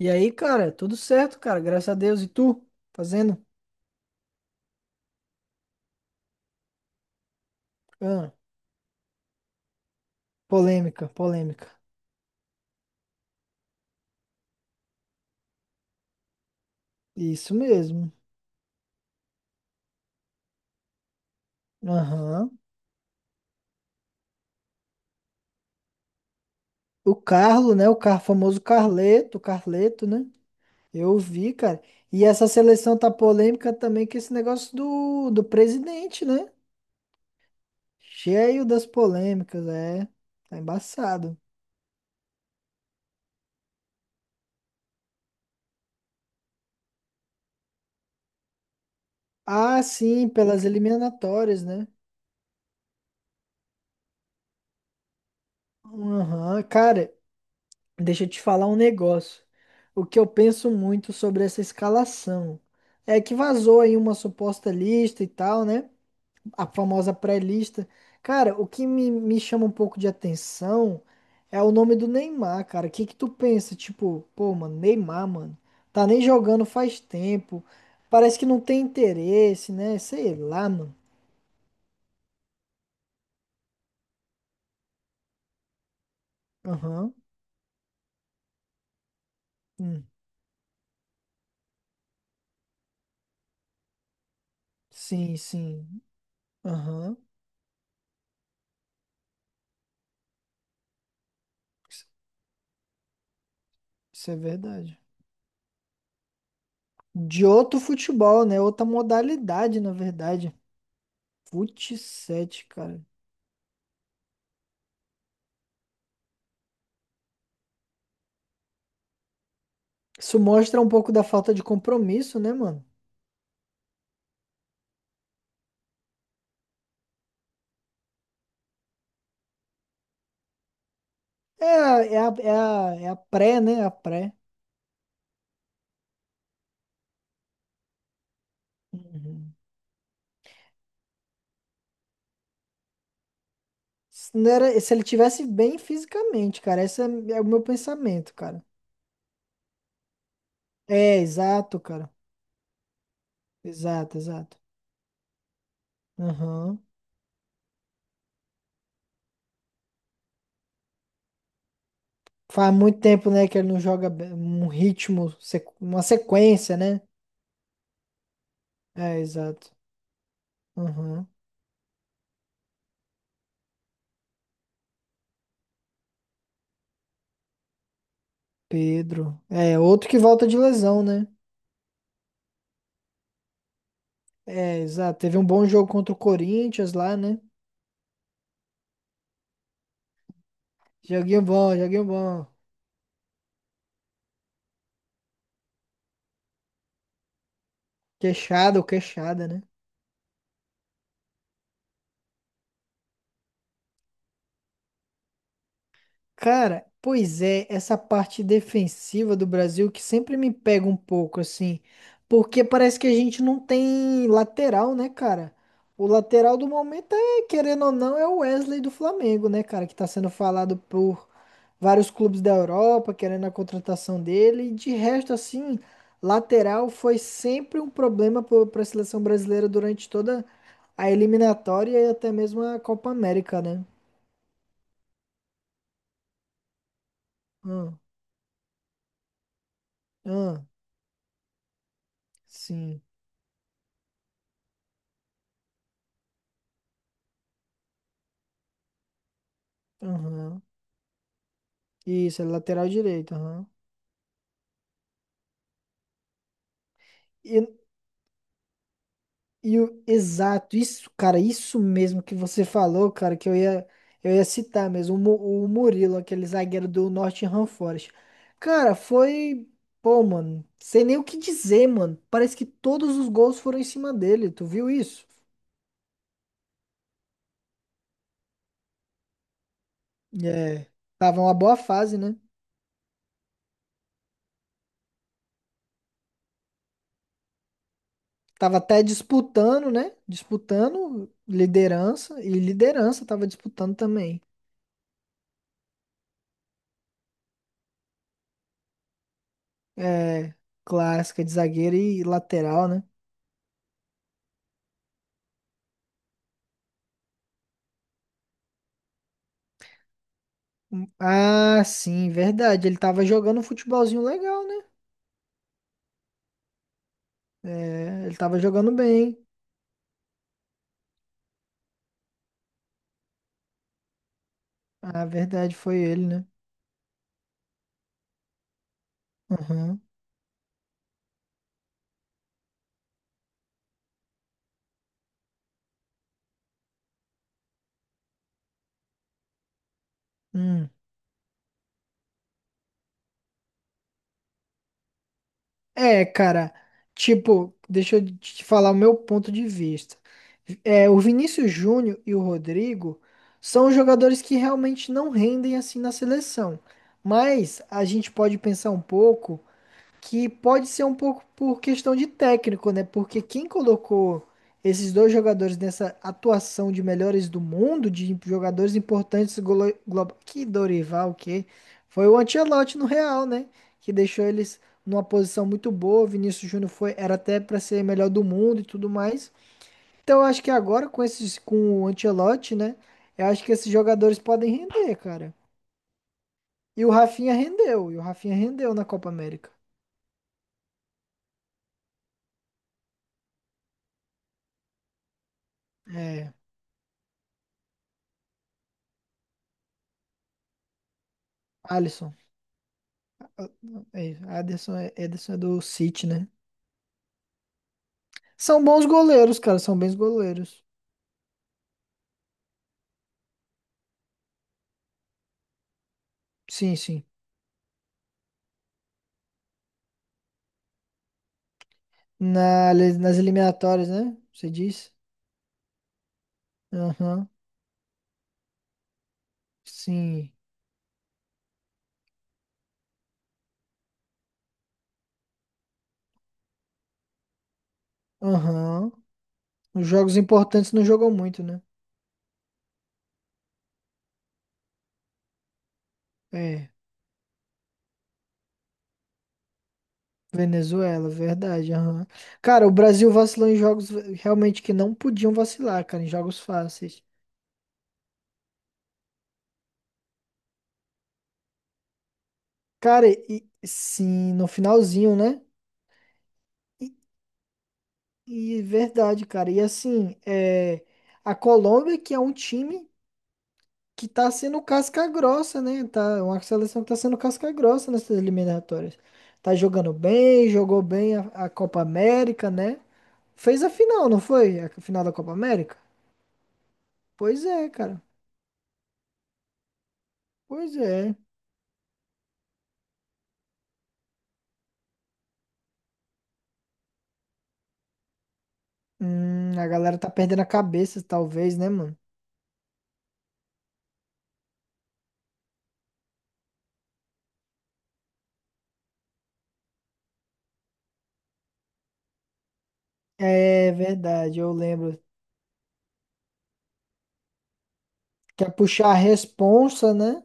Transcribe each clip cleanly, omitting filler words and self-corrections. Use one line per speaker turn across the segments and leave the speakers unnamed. E aí, cara, tudo certo, cara, graças a Deus. E tu? Fazendo? Ah, polêmica, polêmica. Isso mesmo. Aham. O Carlo, né? O car famoso Carleto, Carleto, né? Eu vi, cara. E essa seleção tá polêmica também com esse negócio do presidente, né? Cheio das polêmicas, é. Tá embaçado. Ah, sim, pelas eliminatórias, né? Aham. Cara, deixa eu te falar um negócio. O que eu penso muito sobre essa escalação é que vazou aí uma suposta lista e tal, né? A famosa pré-lista. Cara, o que me chama um pouco de atenção é o nome do Neymar, cara. O que que tu pensa? Tipo, pô, mano, Neymar, mano, tá nem jogando faz tempo. Parece que não tem interesse, né? Sei lá, mano. Aham. Hum. Sim, sim. Aham. Isso isso é verdade. De outro futebol, né? Outra modalidade, na verdade. Fut 7, cara. Isso mostra um pouco da falta de compromisso, né, mano? É, é a pré, né? A pré. Uhum. Se, não era, se ele tivesse bem fisicamente, cara. Esse é o meu pensamento, cara. É, exato, cara. Exato, exato. Aham. Faz muito tempo, né, que ele não joga um ritmo, uma sequência, né? É, exato. Aham. Pedro. É, outro que volta de lesão, né? É, exato. Teve um bom jogo contra o Corinthians lá, né? Joguinho bom, joguinho bom. Queixada ou queixada, né? Cara, pois é, essa parte defensiva do Brasil que sempre me pega um pouco, assim, porque parece que a gente não tem lateral, né, cara? O lateral do momento é, querendo ou não, é o Wesley do Flamengo, né, cara, que tá sendo falado por vários clubes da Europa, querendo a contratação dele, e de resto, assim, lateral foi sempre um problema para a seleção brasileira durante toda a eliminatória e até mesmo a Copa América, né? Hum, hum, sim. Aham. Isso, é lateral direito, aham. E, e o, exato, isso, cara, isso mesmo que você falou, cara, que eu ia citar mesmo, o Murilo, aquele zagueiro do Nottingham Forest. Cara, foi, pô, mano, sem nem o que dizer, mano. Parece que todos os gols foram em cima dele, tu viu isso? É, tava uma boa fase, né? Tava até disputando, né? Disputando liderança, e liderança tava disputando também. É, clássica de zagueiro e lateral, né? Ah, sim, verdade. Ele tava jogando um futebolzinho legal, né? É, ele tava jogando bem. Ah, verdade, foi ele, né? Aham. Hum. É, cara, tipo, deixa eu te falar o meu ponto de vista. É, o Vinícius Júnior e o Rodrigo são jogadores que realmente não rendem assim na seleção. Mas a gente pode pensar um pouco, que pode ser um pouco por questão de técnico, né? Porque quem colocou esses dois jogadores nessa atuação de melhores do mundo, de jogadores importantes global, que Dorival, que foi o Ancelotti no Real, né? Que deixou eles numa posição muito boa. O Vinícius Júnior foi era até para ser melhor do mundo e tudo mais. Então eu acho que agora com o Ancelotti, né? Eu acho que esses jogadores podem render, cara. E o Rafinha rendeu na Copa América. É, Alisson. É, Ederson é do City, né? São bons goleiros, cara, são bons goleiros. Sim, sim. Nas eliminatórias, né? Você diz? Aham, sim. Aham. Os jogos importantes não jogam muito, né? É, Venezuela, verdade. Aham. Cara, o Brasil vacilou em jogos realmente que não podiam vacilar, cara, em jogos fáceis. Cara, e sim, no finalzinho, né? E, e verdade, cara. E assim, é, a Colômbia, que é um time que tá sendo casca grossa, né? Tá, uma seleção que tá sendo casca grossa nessas eliminatórias. Tá jogando bem, jogou bem a Copa América, né? Fez a final, não foi? A final da Copa América? Pois é, cara. Pois é. A galera tá perdendo a cabeça, talvez, né, mano? É verdade, eu lembro. Quer puxar a responsa, né?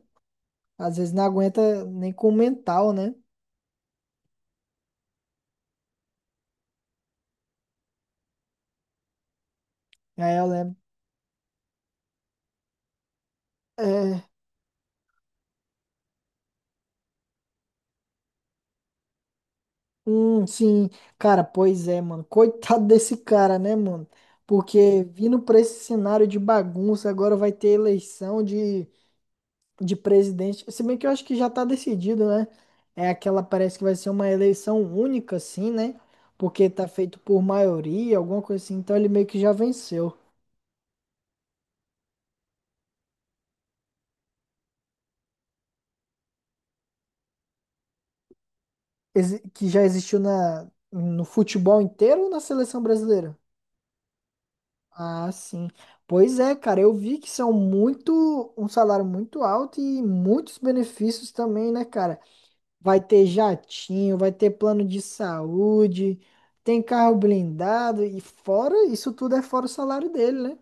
Às vezes não aguenta nem com o mental, né? Aí eu lembro. É. Sim, cara, pois é, mano. Coitado desse cara, né, mano? Porque vindo pra esse cenário de bagunça, agora vai ter eleição de presidente. Se bem que eu acho que já tá decidido, né? É aquela, parece que vai ser uma eleição única, assim, né? Porque tá feito por maioria, alguma coisa assim. Então ele meio que já venceu. Que já existiu na, no futebol inteiro ou na seleção brasileira? Ah, sim. Pois é, cara, eu vi que são muito, um salário muito alto e muitos benefícios também, né, cara? Vai ter jatinho, vai ter plano de saúde, tem carro blindado e fora, isso tudo é fora o salário dele, né?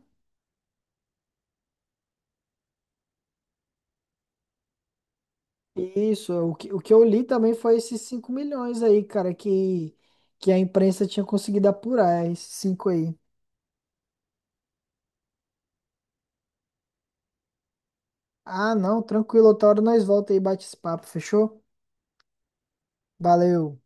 Isso, o que eu li também foi esses 5 milhões aí, cara, que a imprensa tinha conseguido apurar, esses 5 aí. Ah, não, tranquilo, outra hora nós volta aí e bate esse papo, fechou? Valeu.